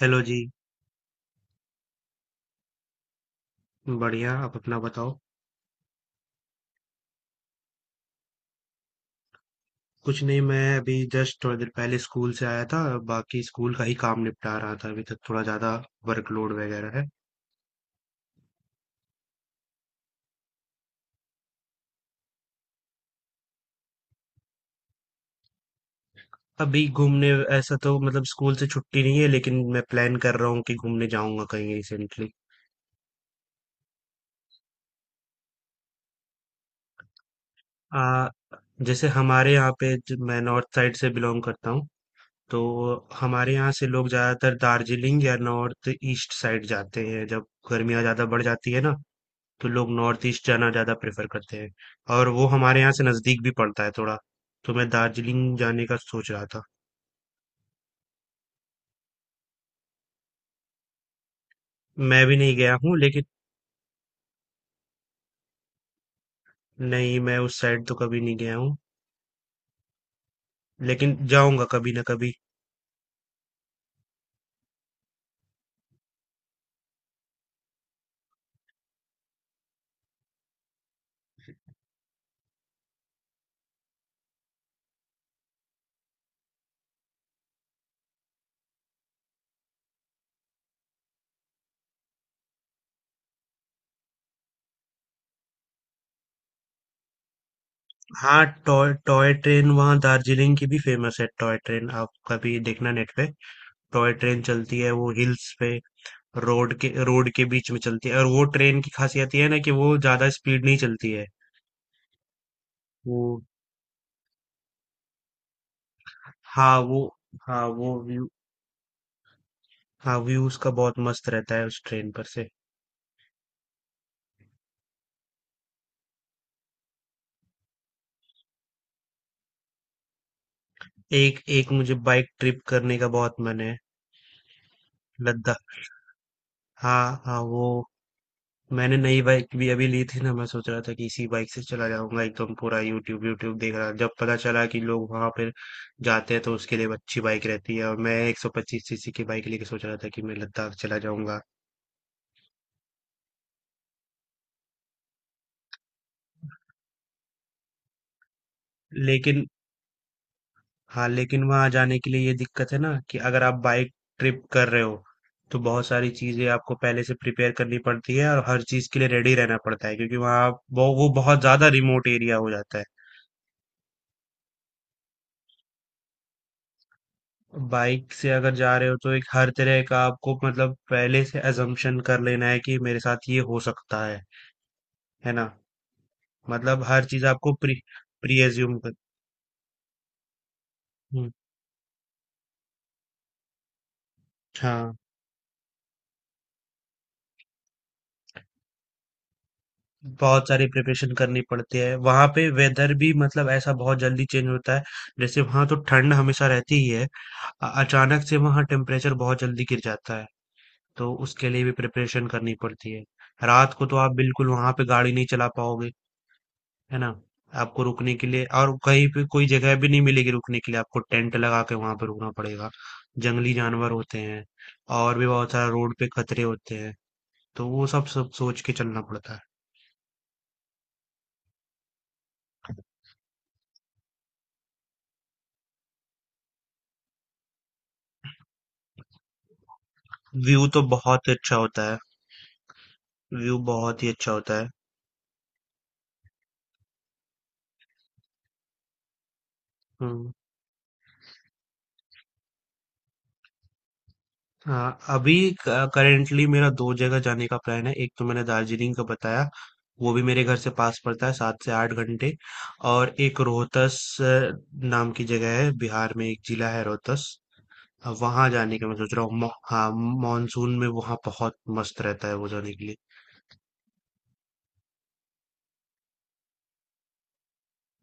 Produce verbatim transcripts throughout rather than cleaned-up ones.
Hello जी। बढ़िया। आप अपना बताओ। कुछ नहीं, मैं अभी जस्ट थोड़ी देर पहले स्कूल से आया था। बाकी स्कूल का ही काम निपटा रहा था अभी तक। थोड़ा ज्यादा वर्कलोड वगैरह है। अभी घूमने ऐसा तो मतलब स्कूल से छुट्टी नहीं है, लेकिन मैं प्लान कर रहा हूँ कि घूमने जाऊंगा कहीं रिसेंटली। आ जैसे हमारे यहाँ पे ज- मैं नॉर्थ साइड से बिलोंग करता हूँ। तो हमारे यहाँ से लोग ज्यादातर दार्जिलिंग या नॉर्थ ईस्ट साइड जाते हैं जब गर्मियाँ ज्यादा बढ़ जाती है ना। तो लोग नॉर्थ ईस्ट जाना ज़्यादा प्रेफर करते हैं, और वो हमारे यहाँ से नज़दीक भी पड़ता है थोड़ा। तो मैं दार्जिलिंग जाने का सोच रहा था। मैं भी नहीं गया हूँ लेकिन। नहीं, मैं उस साइड तो कभी नहीं गया हूँ, लेकिन जाऊंगा कभी ना कभी। हाँ, टॉय टॉय ट्रेन वहाँ दार्जिलिंग की भी फेमस है। टॉय ट्रेन आप कभी देखना नेट पे। टॉय ट्रेन चलती है वो हिल्स पे। रोड के रोड के बीच में चलती है, और वो ट्रेन की खासियत ये है ना कि वो ज़्यादा स्पीड नहीं चलती है। वो हाँ वो हाँ वो हाँ, व्यू उसका बहुत मस्त रहता है उस ट्रेन पर से। एक एक मुझे बाइक ट्रिप करने का बहुत मन है। लद्दाख। हाँ, हाँ, वो मैंने नई बाइक भी अभी ली थी ना। मैं सोच रहा था कि इसी बाइक से चला जाऊंगा एकदम पूरा। यूट्यूब यूट्यूब देख रहा जब पता चला कि लोग वहां पर जाते हैं। तो उसके लिए अच्छी बाइक रहती है, और मैं एक सौ पच्चीस सीसी की बाइक लेके सोच रहा था कि मैं लद्दाख चला जाऊंगा। लेकिन हाँ, लेकिन वहाँ जाने के लिए ये दिक्कत है ना कि अगर आप बाइक ट्रिप कर रहे हो। तो बहुत सारी चीजें आपको पहले से प्रिपेयर करनी पड़ती है और हर चीज के लिए रेडी रहना पड़ता है, क्योंकि वहाँ आप- वो वो बहुत ज्यादा रिमोट एरिया हो जाता है। बाइक से अगर जा रहे हो तो एक हर तरह का आपको मतलब पहले से अजम्पशन कर लेना है कि मेरे साथ ये हो सकता है है ना। मतलब हर चीज आपको प्री प्री एज्यूम कर। हम्म, हाँ, बहुत सारी प्रिपरेशन करनी पड़ती है वहां पे। वेदर भी मतलब ऐसा बहुत जल्दी चेंज होता है। जैसे वहां तो ठंड हमेशा रहती ही है। अ- अचानक से वहां टेम्परेचर बहुत जल्दी गिर जाता है। तो उसके लिए भी प्रिपरेशन करनी पड़ती है। रात को तो आप बिल्कुल वहां पे गाड़ी नहीं चला पाओगे, है ना। आपको रुकने के लिए और कहीं पे कोई जगह भी नहीं मिलेगी। रुकने के लिए आपको टेंट लगा के वहां पे रुकना पड़ेगा। जंगली जानवर होते हैं। और भी बहुत सारा रोड पे खतरे होते हैं। तो वो सब सब सोच के चलना पड़ता है। व्यू तो बहुत अच्छा होता है। व्यू बहुत ही अच्छा होता है। हुँ, हाँ, अभी करेंटली मेरा दो जगह जाने का प्लान है। एक तो मैंने दार्जिलिंग का बताया, वो भी मेरे घर से पास पड़ता है, सात से आठ घंटे। और एक रोहतस अ, नाम की जगह है, बिहार में एक जिला है रोहतस। अ, वहाँ जाने का मैं सोच रहा हूँ। मौ, हाँ, मानसून में वहाँ बहुत मस्त रहता है वो जाने के लिए।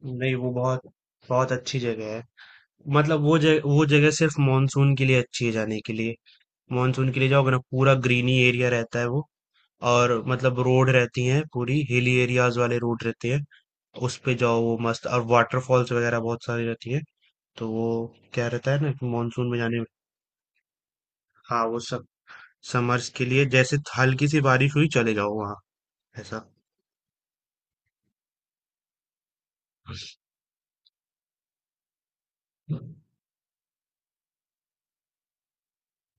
नहीं, वो बहुत बहुत अच्छी जगह है। मतलब वो जगह वो जगह सिर्फ मानसून के लिए अच्छी है जाने के लिए। मानसून के लिए जाओगे ना पूरा ग्रीनी एरिया रहता है वो। और मतलब रोड रहती हैं, पूरी हिली एरियाज वाले रोड रहते हैं। उस पे जाओ वो मस्त। और वाटरफॉल्स वगैरह बहुत सारी रहती हैं। तो वो क्या रहता है ना कि मानसून में जाने में। हाँ, वो सब। समर्स के लिए जैसे हल्की सी बारिश हुई चले जाओ वहाँ ऐसा।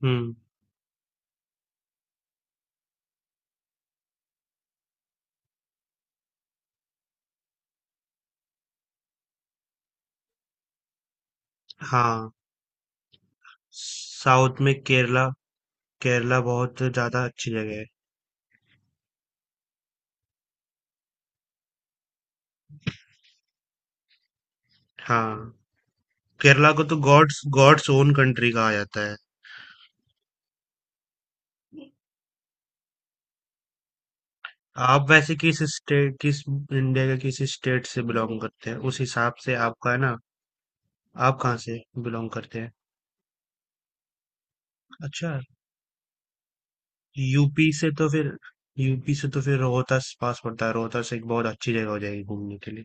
हम्म, हाँ, साउथ में केरला केरला बहुत ज्यादा अच्छी जगह है। हाँ, केरला को तो गॉड्स गॉड्स ओन कंट्री कहा जाता है। आप वैसे किस स्टेट किस इंडिया के किस स्टेट से बिलोंग करते हैं उस हिसाब से आपका है ना। आप कहाँ से बिलोंग करते हैं? अच्छा। यूपी से तो फिर यूपी से तो फिर रोहतास पास पड़ता है। रोहतास एक बहुत अच्छी जगह हो जाएगी घूमने के लिए।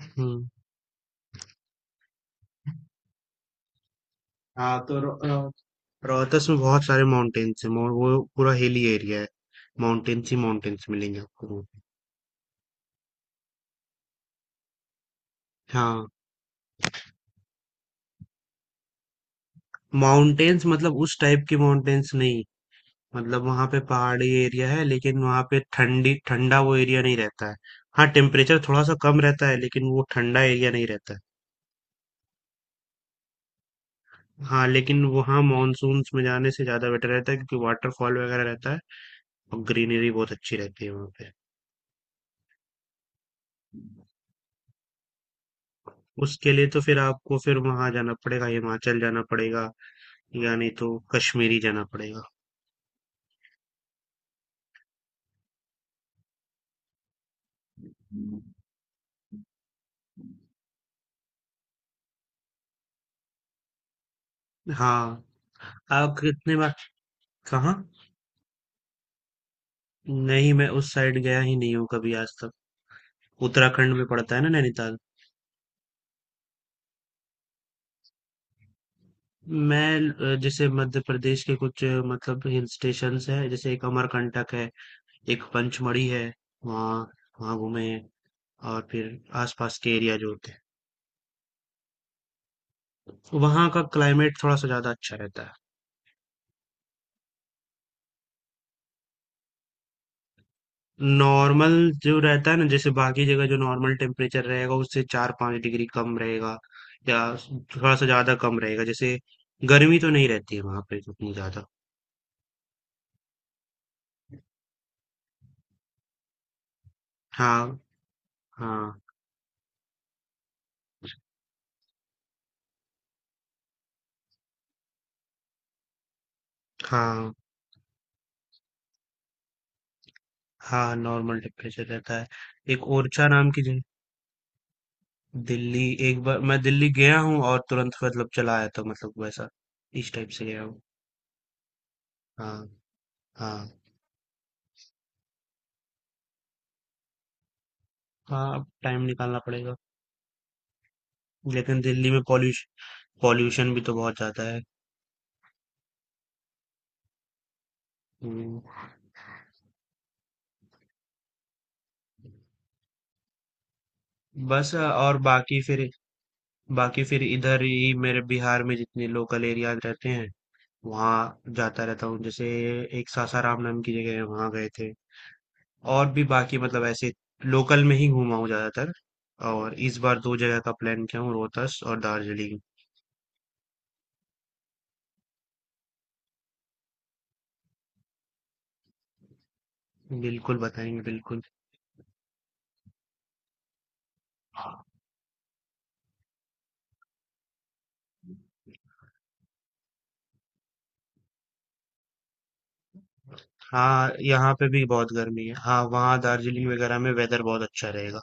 हम्म, हाँ, तो रो, अ, रोहतास में बहुत सारे माउंटेन्स हैं। मो- वो पूरा हिली एरिया है। माउंटेन्स ही माउंटेन्स मिलेंगे आपको। हाँ। माउंटेन्स मतलब उस टाइप के माउंटेन्स नहीं। मतलब वहां पे पहाड़ी एरिया है, लेकिन वहां पे ठंडी ठंडा वो एरिया नहीं रहता है। हाँ, टेम्परेचर थोड़ा सा कम रहता है, लेकिन वो ठंडा एरिया नहीं रहता है। हाँ, लेकिन वहाँ मानसून्स में जाने से ज्यादा बेटर रहता है, क्योंकि वाटरफॉल वगैरह रहता है और ग्रीनरी बहुत अच्छी रहती है वहाँ पे। उसके लिए तो फिर आपको फिर वहां जाना पड़ेगा, हिमाचल जाना पड़ेगा। या नहीं तो कश्मीर ही जाना पड़ेगा। हाँ। आप कितने बार? कहाँ? नहीं, मैं उस साइड गया ही नहीं हूँ कभी आज तक। उत्तराखंड में पड़ता है ना नैनीताल। मैं अ, जैसे मध्य प्रदेश के कुछ अ, मतलब हिल स्टेशंस है। जैसे एक अमरकंटक है, एक पंचमढ़ी है। वहाँ वहाँ घूमे हैं। और फिर आसपास के एरिया जो होते हैं वहाँ का क्लाइमेट थोड़ा सा ज्यादा अच्छा रहता है। नॉर्मल जो रहता है ना, जैसे बाकी जगह जो नॉर्मल टेम्परेचर रहेगा उससे चार पाँच डिग्री कम रहेगा। या थोड़ा सा ज्यादा कम रहेगा। जैसे गर्मी तो नहीं रहती है वहाँ पे उतनी ज्यादा। हाँ, हाँ, हाँ, हाँ, नॉर्मल टेम्परेचर रहता है। एक ओरछा नाम की जगह। दिल्ली। एक बार मैं दिल्ली गया हूँ और तुरंत मतलब चला आया था। मतलब वैसा इस टाइप से गया हूँ। हाँ, हाँ, हाँ, अब टाइम निकालना पड़ेगा। लेकिन दिल्ली में पॉल्यूशन पॉल्यूशन भी तो बहुत ज्यादा है। हम्म, बस। और बाकी फिर बाकी फिर इधर ही मेरे बिहार में जितने लोकल एरियाज रहते हैं वहाँ जाता रहता हूँ। जैसे एक सासाराम नाम की जगह है, वहाँ गए थे। और भी बाकी मतलब ऐसे लोकल में ही घूमा हूँ ज्यादातर। और इस बार दो जगह का प्लान किया हूँ, रोहतास और दार्जिलिंग। बिल्कुल बताएंगे, बिल्कुल। हाँ, यहाँ पे भी बहुत गर्मी है। हाँ, वहाँ दार्जिलिंग वगैरह में वेदर बहुत अच्छा रहेगा।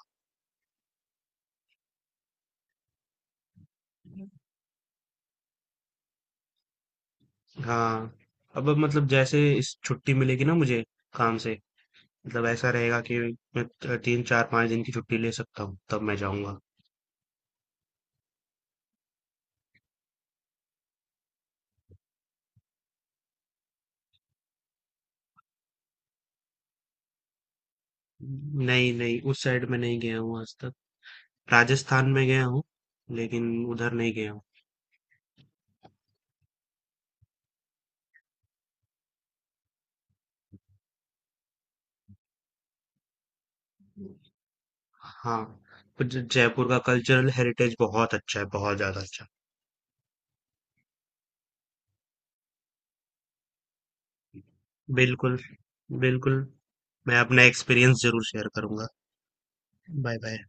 हाँ। अब अब मतलब जैसे इस छुट्टी मिलेगी ना मुझे काम से, मतलब ऐसा रहेगा कि मैं त- तीन चार पाँच दिन की छुट्टी ले सकता हूँ, तब मैं जाऊँगा। नहीं, नहीं, उस साइड में नहीं गया हूँ आज तक। राजस्थान में गया हूँ, लेकिन उधर नहीं गया हूँ। हाँ। पर ज- जयपुर का कल्चरल हेरिटेज बहुत अच्छा है, बहुत ज्यादा अच्छा। बिल्कुल, बिल्कुल। मैं अपना एक्सपीरियंस ज़रूर शेयर करूँगा। Bye bye.